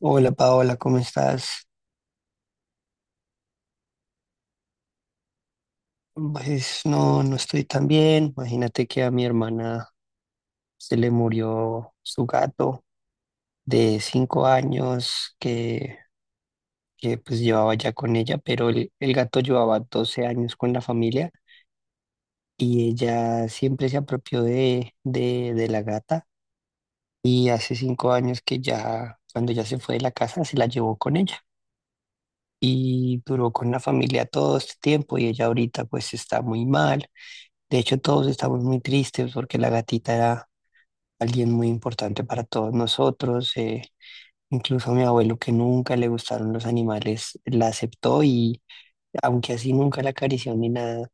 Hola Paola, ¿cómo estás? Pues no, no estoy tan bien. Imagínate que a mi hermana se le murió su gato de 5 años que pues llevaba ya con ella, pero el gato llevaba 12 años con la familia y ella siempre se apropió de la gata y hace 5 años que ya, cuando ya se fue de la casa, se la llevó con ella y duró con la familia todo este tiempo y ella ahorita pues está muy mal. De hecho, todos estamos muy tristes porque la gatita era alguien muy importante para todos nosotros. Incluso mi abuelo, que nunca le gustaron los animales, la aceptó y aunque así nunca la acarició ni nada,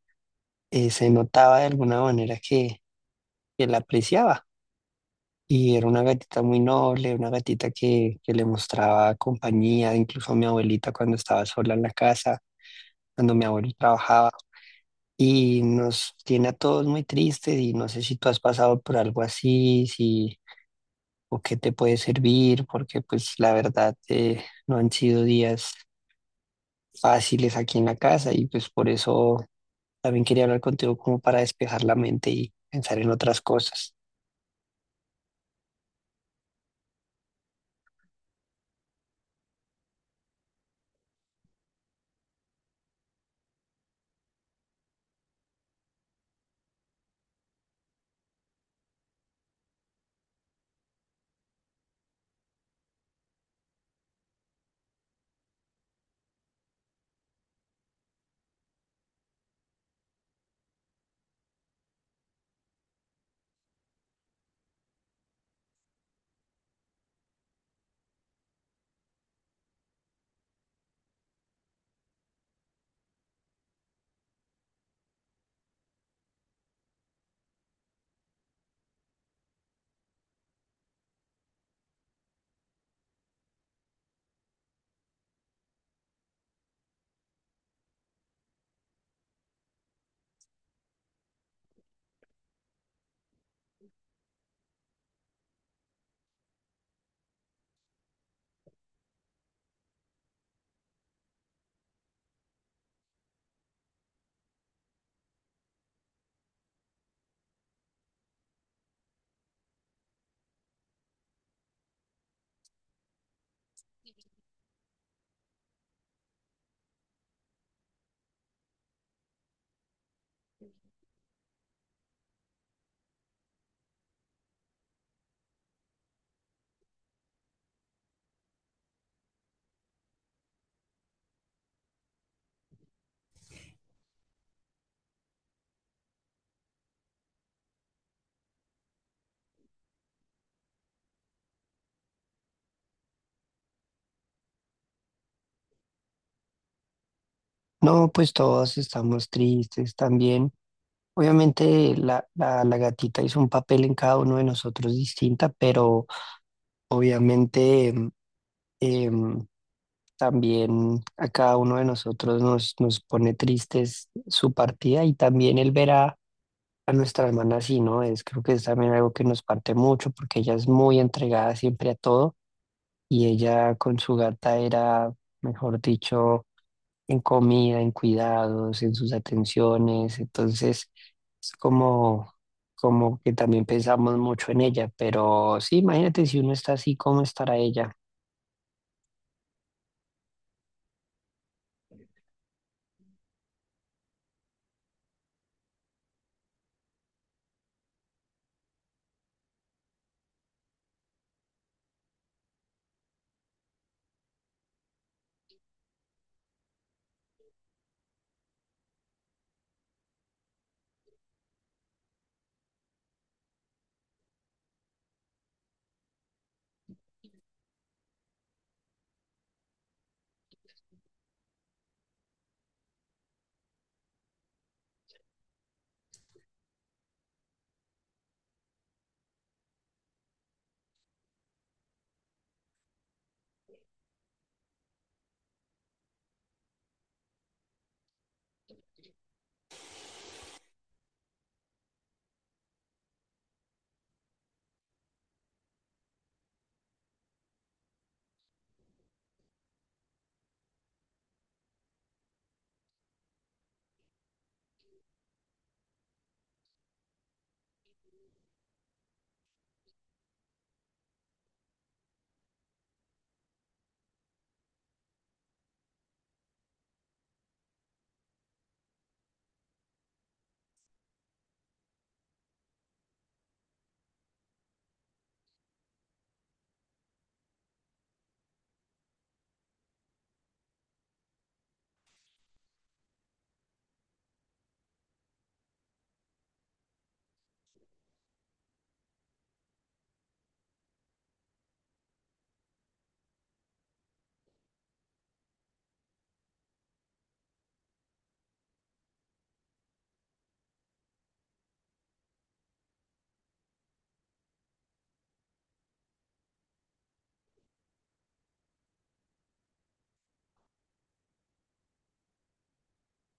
se notaba de alguna manera que la apreciaba. Y era una gatita muy noble, una gatita que le mostraba compañía, incluso a mi abuelita cuando estaba sola en la casa, cuando mi abuelo trabajaba. Y nos tiene a todos muy tristes y no sé si tú has pasado por algo así, si o qué te puede servir, porque pues la verdad no han sido días fáciles aquí en la casa y pues por eso también quería hablar contigo como para despejar la mente y pensar en otras cosas. No, pues todos estamos tristes también. Obviamente la gatita hizo un papel en cada uno de nosotros distinta, pero obviamente em, también a cada uno de nosotros nos pone tristes su partida y también el ver a nuestra hermana sí, ¿no? Creo que es también algo que nos parte mucho porque ella es muy entregada siempre a todo y ella con su gata era, mejor dicho, en comida, en cuidados, en sus atenciones. Entonces, es como que también pensamos mucho en ella, pero sí, imagínate si uno está así, ¿cómo estará ella?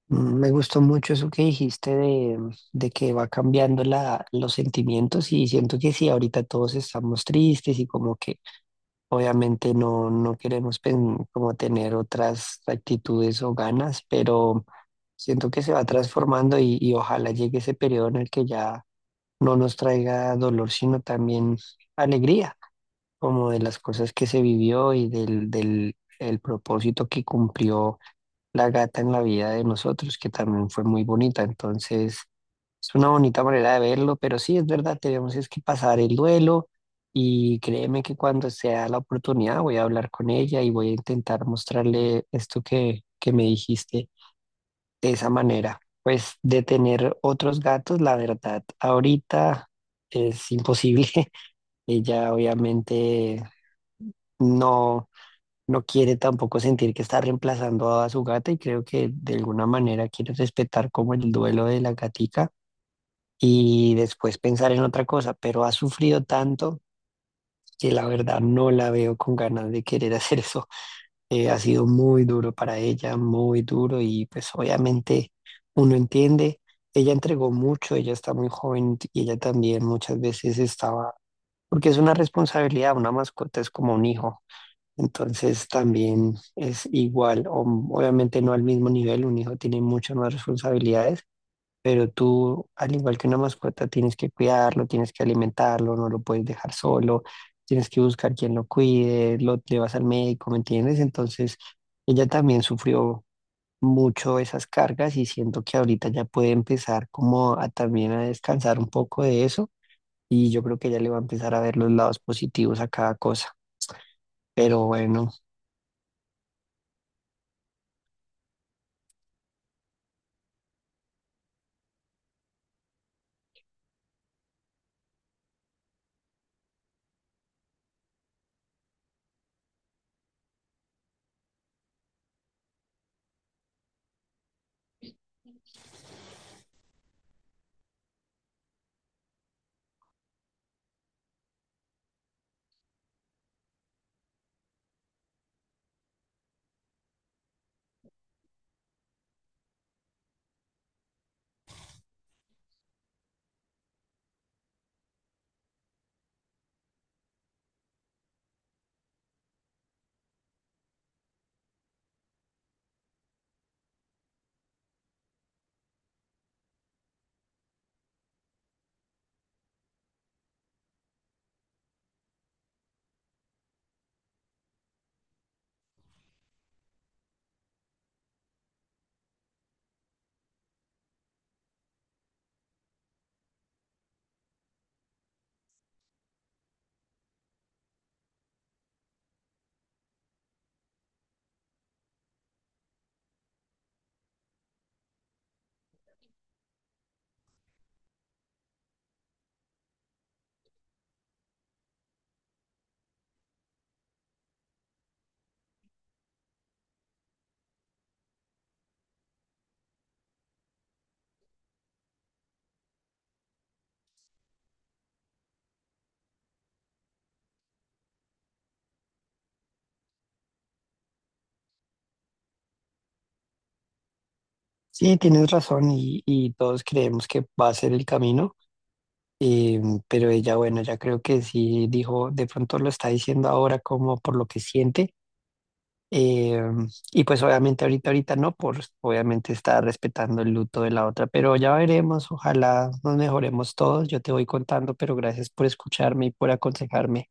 Mm, me gustó mucho eso que dijiste de que va cambiando los sentimientos y siento que sí, ahorita todos estamos tristes y como que obviamente no, no queremos como tener otras actitudes o ganas, pero siento que se va transformando y ojalá llegue ese periodo en el que ya no nos traiga dolor, sino también alegría, como de las cosas que se vivió y del, del el propósito que cumplió la gata en la vida de nosotros, que también fue muy bonita. Entonces, es una bonita manera de verlo, pero sí, es verdad, tenemos es que pasar el duelo y créeme que cuando sea la oportunidad voy a hablar con ella y voy a intentar mostrarle esto que me dijiste de esa manera. Pues de tener otros gatos, la verdad, ahorita es imposible. Ella obviamente no no quiere tampoco sentir que está reemplazando a su gata y creo que de alguna manera quiere respetar como el duelo de la gatica y después pensar en otra cosa, pero ha sufrido tanto que la verdad no la veo con ganas de querer hacer eso. Ha sido muy duro para ella, muy duro y pues obviamente uno entiende, ella entregó mucho, ella está muy joven y ella también muchas veces estaba, porque es una responsabilidad, una mascota es como un hijo, entonces también es igual, obviamente no al mismo nivel, un hijo tiene muchas más responsabilidades, pero tú, al igual que una mascota, tienes que cuidarlo, tienes que alimentarlo, no lo puedes dejar solo, tienes que buscar quien lo cuide, lo llevas al médico, ¿me entiendes? Entonces ella también sufrió mucho esas cargas y siento que ahorita ya puede empezar como a también a descansar un poco de eso y yo creo que ya le va a empezar a ver los lados positivos a cada cosa. Pero bueno. Sí, tienes razón y todos creemos que va a ser el camino, eh, pero ella, bueno, ya creo que sí dijo, de pronto lo está diciendo ahora como por lo que siente, eh, y pues obviamente ahorita no, por obviamente está respetando el luto de la otra, pero ya veremos, ojalá nos mejoremos todos, yo te voy contando, pero gracias por escucharme y por aconsejarme.